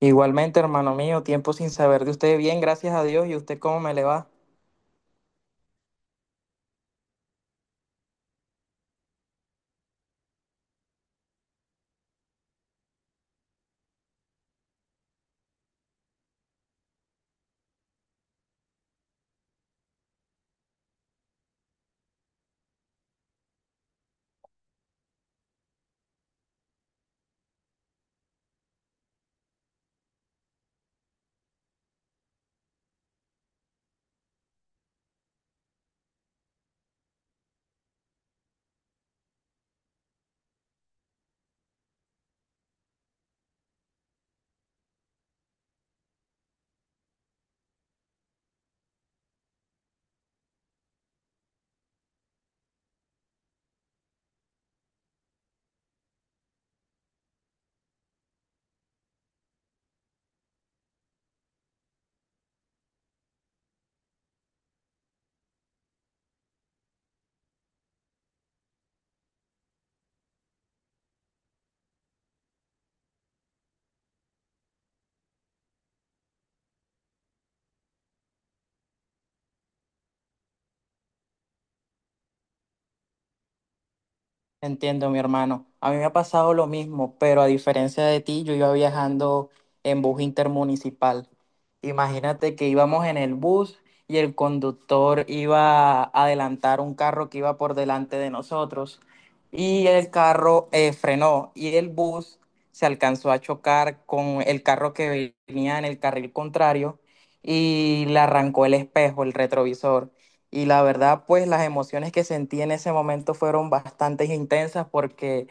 Igualmente, hermano mío, tiempo sin saber de usted. Bien, gracias a Dios. ¿Y usted cómo me le va? Entiendo, mi hermano. A mí me ha pasado lo mismo, pero a diferencia de ti, yo iba viajando en bus intermunicipal. Imagínate que íbamos en el bus y el conductor iba a adelantar un carro que iba por delante de nosotros y el carro frenó y el bus se alcanzó a chocar con el carro que venía en el carril contrario y le arrancó el espejo, el retrovisor. Y la verdad, pues las emociones que sentí en ese momento fueron bastante intensas porque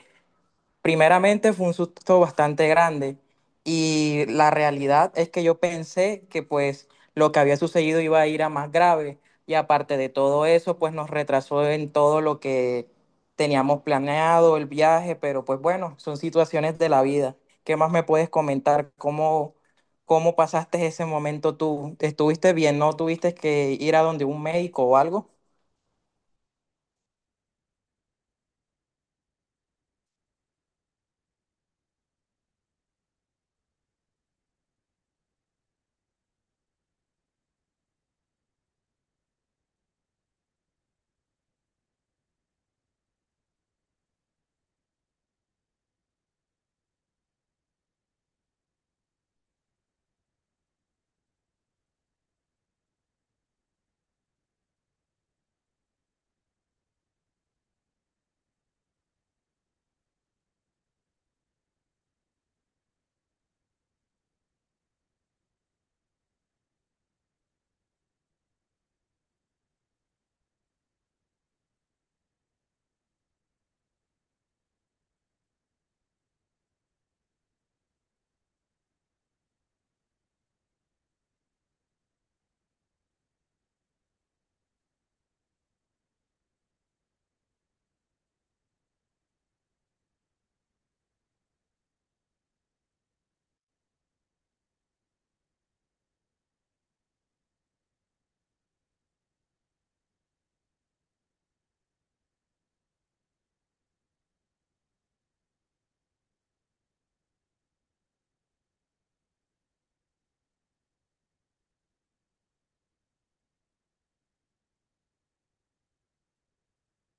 primeramente fue un susto bastante grande y la realidad es que yo pensé que pues lo que había sucedido iba a ir a más grave y aparte de todo eso, pues nos retrasó en todo lo que teníamos planeado, el viaje, pero pues bueno, son situaciones de la vida. ¿Qué más me puedes comentar? ¿Cómo, cómo pasaste ese momento tú? ¿Estuviste bien? ¿No tuviste que ir a donde un médico o algo?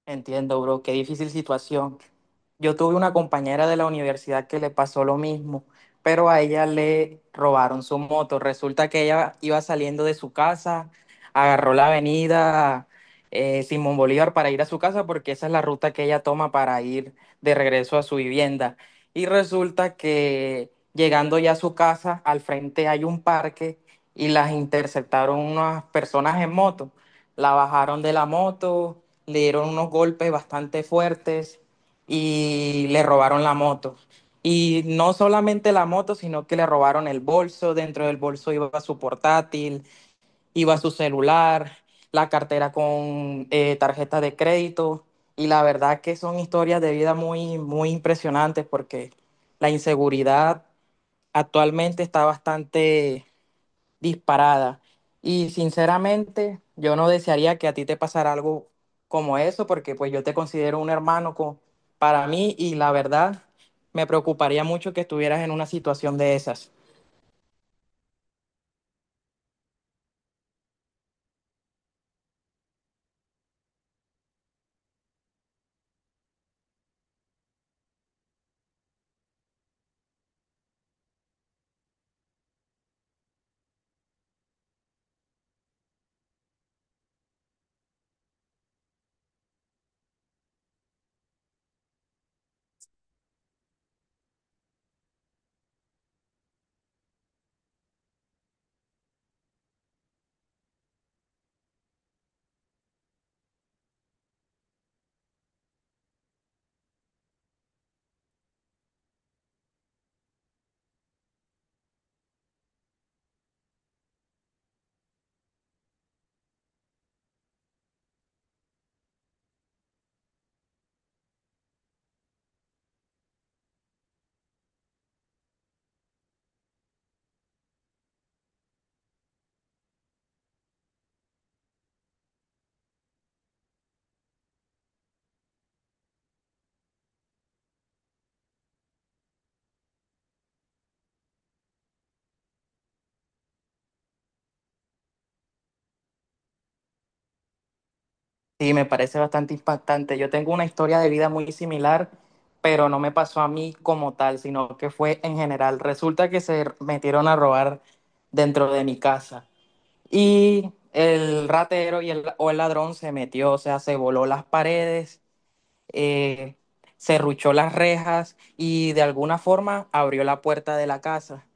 Entiendo, bro, qué difícil situación. Yo tuve una compañera de la universidad que le pasó lo mismo, pero a ella le robaron su moto. Resulta que ella iba saliendo de su casa, agarró la avenida Simón Bolívar para ir a su casa porque esa es la ruta que ella toma para ir de regreso a su vivienda. Y resulta que llegando ya a su casa, al frente hay un parque y las interceptaron unas personas en moto. La bajaron de la moto, le dieron unos golpes bastante fuertes y le robaron la moto. Y no solamente la moto, sino que le robaron el bolso. Dentro del bolso iba su portátil, iba su celular, la cartera con tarjeta de crédito. Y la verdad que son historias de vida muy, muy impresionantes porque la inseguridad actualmente está bastante disparada. Y sinceramente, yo no desearía que a ti te pasara algo como eso, porque pues yo te considero un hermano co- para mí y la verdad me preocuparía mucho que estuvieras en una situación de esas. Sí, me parece bastante impactante. Yo tengo una historia de vida muy similar, pero no me pasó a mí como tal, sino que fue en general. Resulta que se metieron a robar dentro de mi casa. Y el ratero y el, o el ladrón se metió, o sea, se voló las paredes, eh, cerruchó las rejas y de alguna forma abrió la puerta de la casa.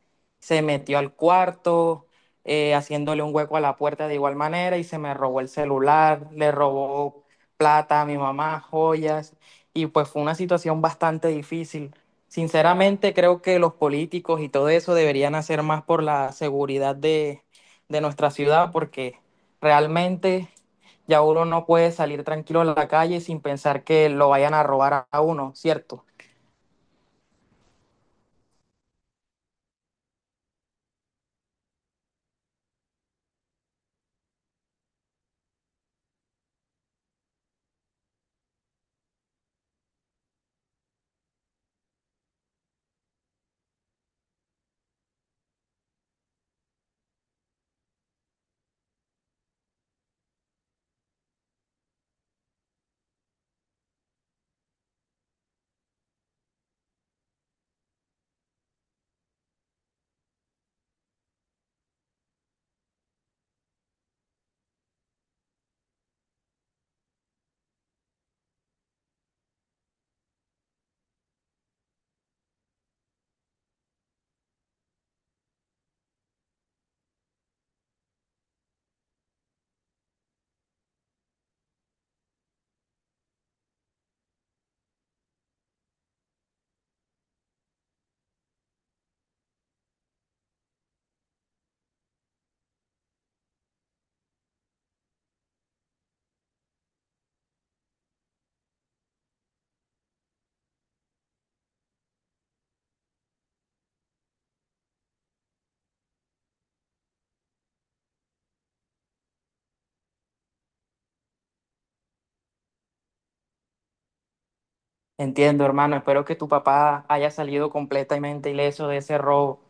Se metió al cuarto, haciéndole un hueco a la puerta de igual manera y se me robó el celular, le robó plata a mi mamá, joyas, y pues fue una situación bastante difícil. Sinceramente creo que los políticos y todo eso deberían hacer más por la seguridad de nuestra ciudad porque realmente ya uno no puede salir tranquilo a la calle sin pensar que lo vayan a robar a uno, ¿cierto? Entiendo, hermano. Espero que tu papá haya salido completamente ileso de ese robo.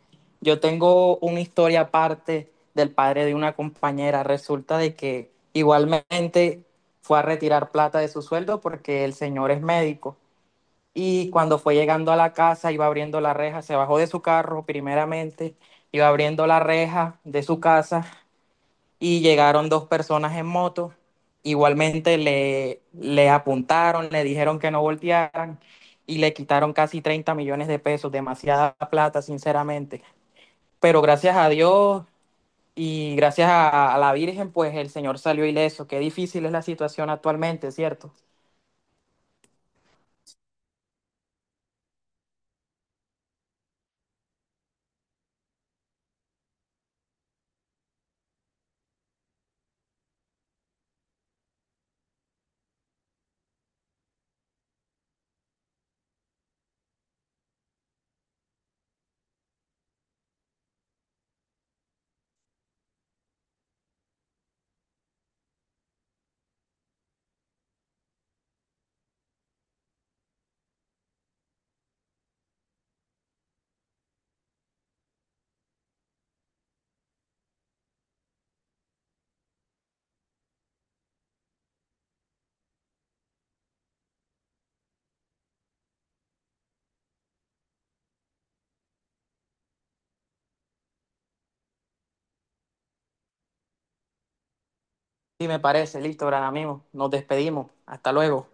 Yo tengo una historia aparte del padre de una compañera. Resulta de que igualmente fue a retirar plata de su sueldo porque el señor es médico. Y cuando fue llegando a la casa, iba abriendo la reja, se bajó de su carro primeramente, iba abriendo la reja de su casa y llegaron 2 personas en moto. Igualmente le, le apuntaron, le dijeron que no voltearan y le quitaron casi 30 millones de pesos, demasiada plata, sinceramente. Pero gracias a Dios y gracias a la Virgen, pues el Señor salió ileso. Qué difícil es la situación actualmente, ¿cierto? Sí, me parece. Listo, gran amigo. Nos despedimos. Hasta luego.